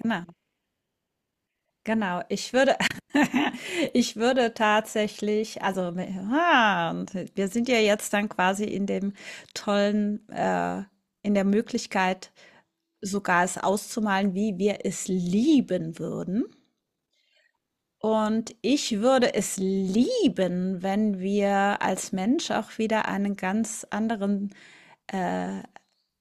Genau, genau. Ich würde ich würde tatsächlich also, ah, und wir sind ja jetzt dann quasi in dem tollen in der Möglichkeit, sogar es auszumalen, wie wir es lieben würden. Und ich würde es lieben, wenn wir als Mensch auch wieder einen ganz anderen, äh,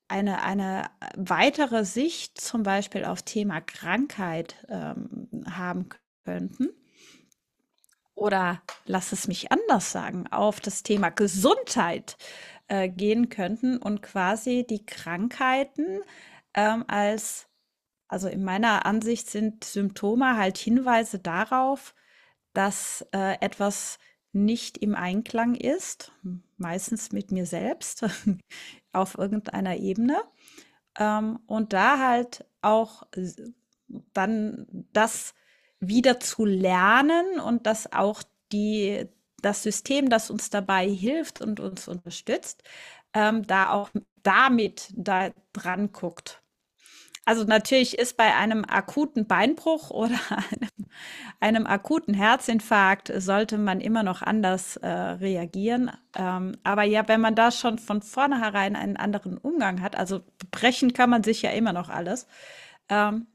eine weitere Sicht zum Beispiel auf Thema Krankheit haben könnten. Oder lass es mich anders sagen, auf das Thema Gesundheit gehen könnten und quasi die Krankheiten ähm, als, also in meiner Ansicht sind Symptome halt Hinweise darauf, dass etwas nicht im Einklang ist, meistens mit mir selbst auf irgendeiner Ebene. Und da halt auch s dann das wieder zu lernen, und dass auch die das System, das uns dabei hilft und uns unterstützt, da auch damit da dran guckt. Also natürlich ist bei einem akuten Beinbruch oder einem akuten Herzinfarkt sollte man immer noch anders reagieren. Aber ja, wenn man da schon von vornherein einen anderen Umgang hat, also brechen kann man sich ja immer noch alles. Ähm,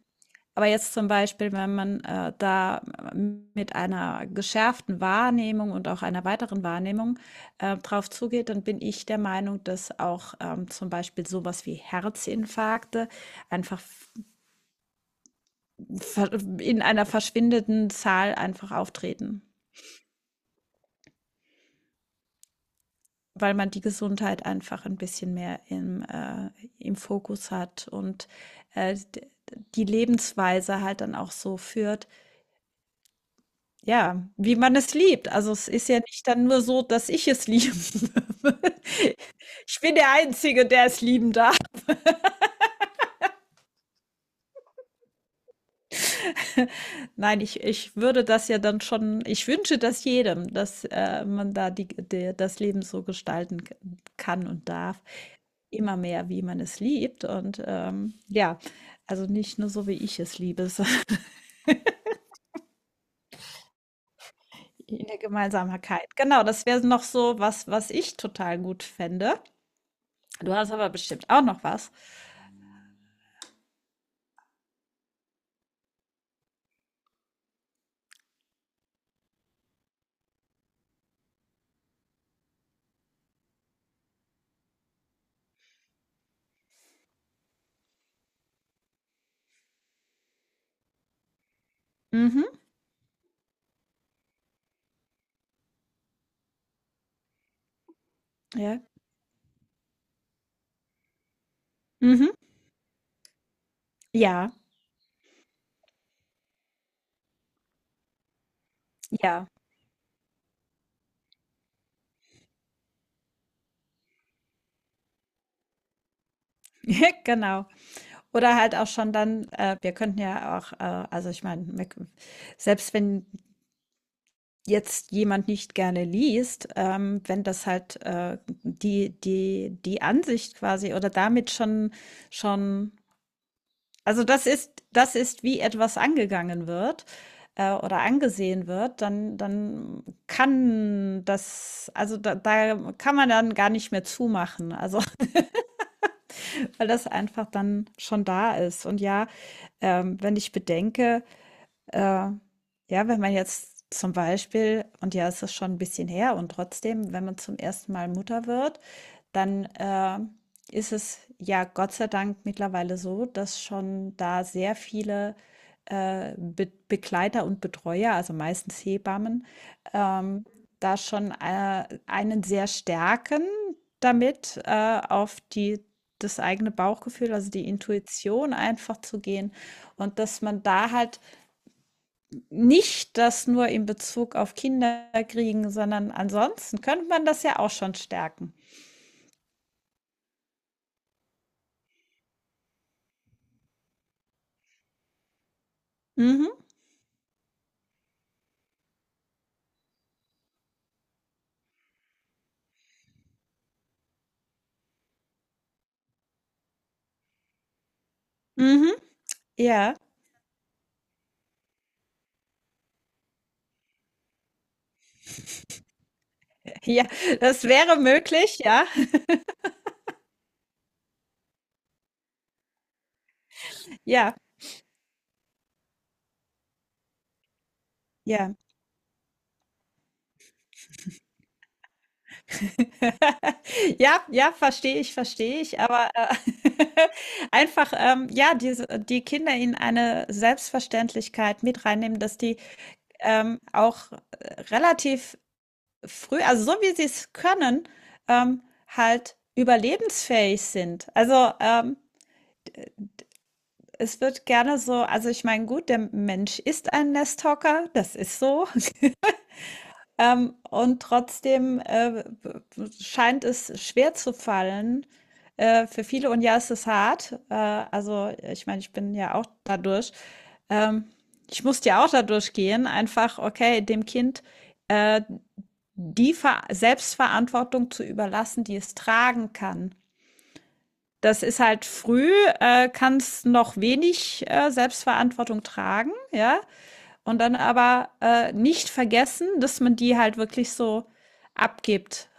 aber jetzt zum Beispiel, wenn man da mit einer geschärften Wahrnehmung und auch einer weiteren Wahrnehmung drauf zugeht, dann bin ich der Meinung, dass auch zum Beispiel sowas wie Herzinfarkte einfach in einer verschwindenden Zahl einfach auftreten, weil man die Gesundheit einfach ein bisschen mehr im Fokus hat und äh, die Lebensweise halt dann auch so führt, ja, wie man es liebt. Also es ist ja nicht dann nur so, dass ich es liebe. Ich bin der Einzige, der es lieben darf. Nein, ich würde das ja dann schon, ich wünsche das jedem, dass man da das Leben so gestalten kann und darf, immer mehr, wie man es liebt. Und ja, also nicht nur so, wie ich es liebe, sondern in der Gemeinsamkeit. Genau, das wäre noch so was, was ich total gut fände. Du hast aber bestimmt auch noch was. Mhm, ja. Mhm, ja, ja. Ja, genau. Oder halt auch schon dann, wir könnten ja auch, also ich meine, selbst wenn jetzt jemand nicht gerne liest, wenn das halt die Ansicht quasi oder damit schon, also das ist, wie etwas angegangen wird oder angesehen wird, dann kann das, also da kann man dann gar nicht mehr zumachen, also weil das einfach dann schon da ist. Und ja, wenn ich bedenke, äh, ja, wenn man jetzt zum Beispiel, und ja, es ist schon ein bisschen her, und trotzdem, wenn man zum ersten Mal Mutter wird, dann ist es ja Gott sei Dank mittlerweile so, dass schon da sehr viele Be Begleiter und Betreuer, also meistens Hebammen, ähm, da schon einen sehr stärken damit, auf das eigene Bauchgefühl, also die Intuition einfach zu gehen. Und dass man da halt nicht das nur in Bezug auf Kinder kriegen, sondern ansonsten könnte man das ja auch schon stärken. Mhm, mhm. Ja, ja, das wäre möglich, ja, ja, ja. Ja, ja, verstehe ich, aber, einfach, ja, diese die Kinder in eine Selbstverständlichkeit mit reinnehmen, dass die, auch relativ früh also, so wie sie es können, ähm, halt überlebensfähig sind. Also, es wird gerne so also, ich meine, gut, der Mensch ist ein Nesthocker, das ist so, und trotzdem, scheint es schwer zu fallen, für viele und ja, es ist hart. Also, ich meine, ich bin ja auch dadurch ähm, ich musste ja auch dadurch gehen, einfach, okay, dem Kind, äh die Ver Selbstverantwortung zu überlassen, die es tragen kann. Das ist halt früh, kann es noch wenig Selbstverantwortung tragen, ja. Und dann aber nicht vergessen, dass man die halt wirklich so abgibt.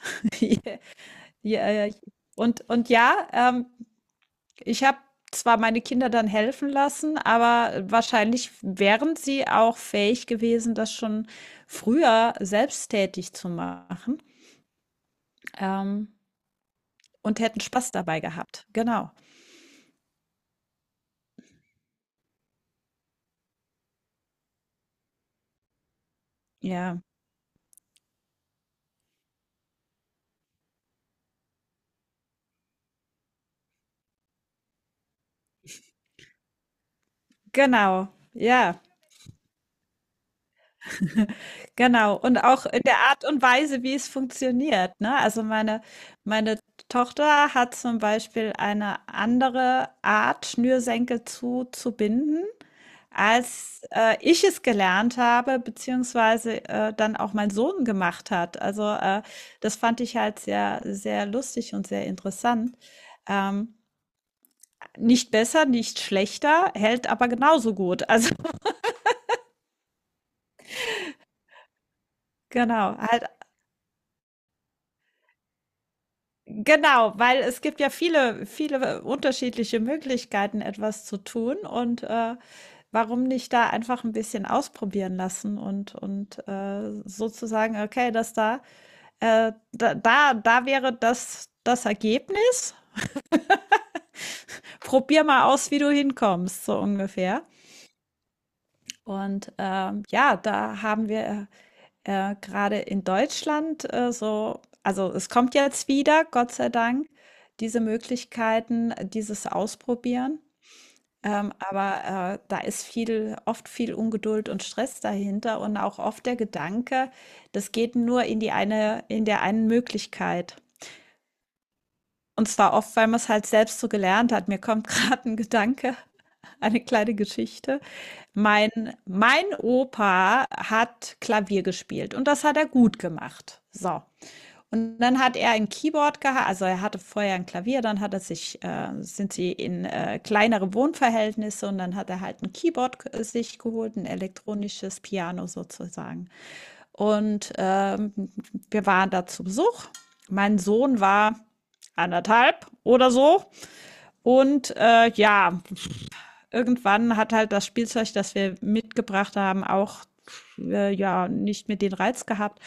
Ja, ja. Und ja, ich habe zwar meine Kinder dann helfen lassen, aber wahrscheinlich wären sie auch fähig gewesen, das schon früher selbsttätig zu machen. Ähm, Und hätten Spaß dabei gehabt. Genau. Ja, genau. Ja, genau. Und auch in der Art und Weise, wie es funktioniert, ne? Also meine Tochter hat zum Beispiel eine andere Art, Schnürsenkel zuzubinden, als ich es gelernt habe, beziehungsweise dann auch mein Sohn gemacht hat. Also das fand ich halt sehr, sehr lustig und sehr interessant. Ähm, Nicht besser, nicht schlechter, hält aber genauso gut. Also genau, halt genau, weil es gibt ja viele, viele unterschiedliche Möglichkeiten, etwas zu tun, und warum nicht da einfach ein bisschen ausprobieren lassen und sozusagen, okay, das da, da, da, da wäre das das Ergebnis. Probier mal aus, wie du hinkommst, so ungefähr. Und ja, da haben wir, grade in Deutschland, so also, es kommt jetzt wieder, Gott sei Dank, diese Möglichkeiten, dieses Ausprobieren. Aber, da ist viel oft viel Ungeduld und Stress dahinter und auch oft der Gedanke, das geht nur in die eine in der einen Möglichkeit. Und zwar oft, weil man es halt selbst so gelernt hat. Mir kommt gerade ein Gedanke, eine kleine Geschichte. Mein mein Opa hat Klavier gespielt, und das hat er gut gemacht. So. Und dann hat er ein Keyboard gehabt, also er hatte vorher ein Klavier, dann hat er sich, sind sie in kleinere Wohnverhältnisse, und dann hat er halt ein Keyboard sich geholt, ein elektronisches Piano sozusagen. Und wir waren da zu Besuch. Mein Sohn war anderthalb oder so. Und ja, irgendwann hat halt das Spielzeug, das wir mitgebracht haben, auch ja nicht mehr den Reiz gehabt.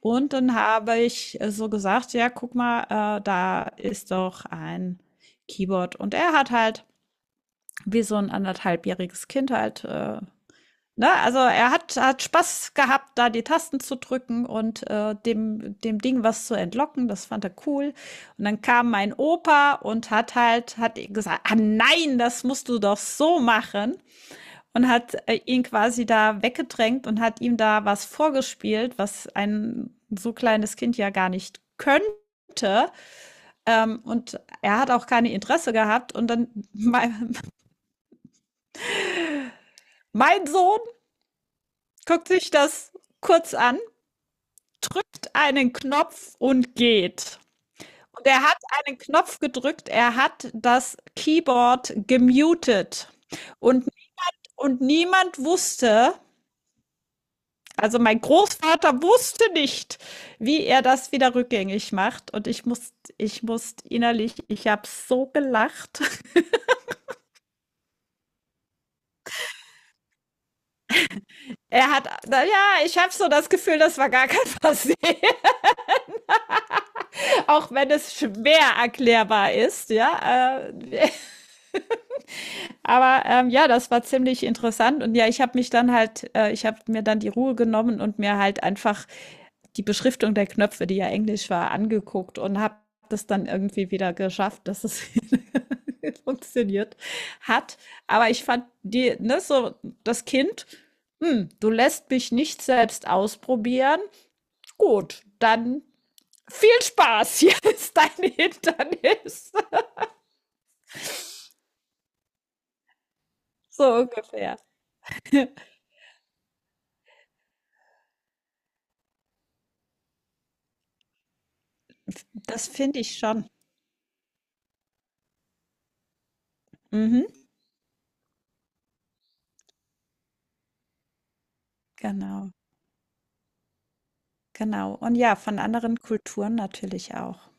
Und dann habe ich so gesagt, ja, guck mal, da ist doch ein Keyboard. Und er hat halt wie so ein anderthalbjähriges Kind halt, ne, also hat Spaß gehabt, da die Tasten zu drücken und dem Ding was zu entlocken. Das fand er cool. Und dann kam mein Opa und hat hat gesagt, ah nein, das musst du doch so machen, und hat ihn quasi da weggedrängt und hat ihm da was vorgespielt, was ein so kleines Kind ja gar nicht könnte. Und er hat auch keine Interesse gehabt. Und dann mein, mein Sohn guckt sich das kurz an, drückt einen Knopf und geht. Und er hat einen Knopf gedrückt, er hat das Keyboard gemutet. Und, und niemand wusste, also mein Großvater wusste nicht, wie er das wieder rückgängig macht. Und ich muss innerlich, ich habe so gelacht. Er hat, na ja, ich habe so das Gefühl, das war gar kein Versehen, auch wenn es schwer erklärbar ist, ja. Aber ja, das war ziemlich interessant. Und ja, ich habe mich dann halt, ich habe mir dann die Ruhe genommen und mir halt einfach die Beschriftung der Knöpfe, die ja Englisch war, angeguckt und habe das dann irgendwie wieder geschafft, dass es funktioniert hat. Aber ich fand die, ne, so das Kind, hm, du lässt mich nicht selbst ausprobieren. Gut, dann viel Spaß, hier ist dein Hindernis. So ungefähr. Das finde ich schon. Mhm, genau, genau. Und ja, von anderen Kulturen natürlich auch.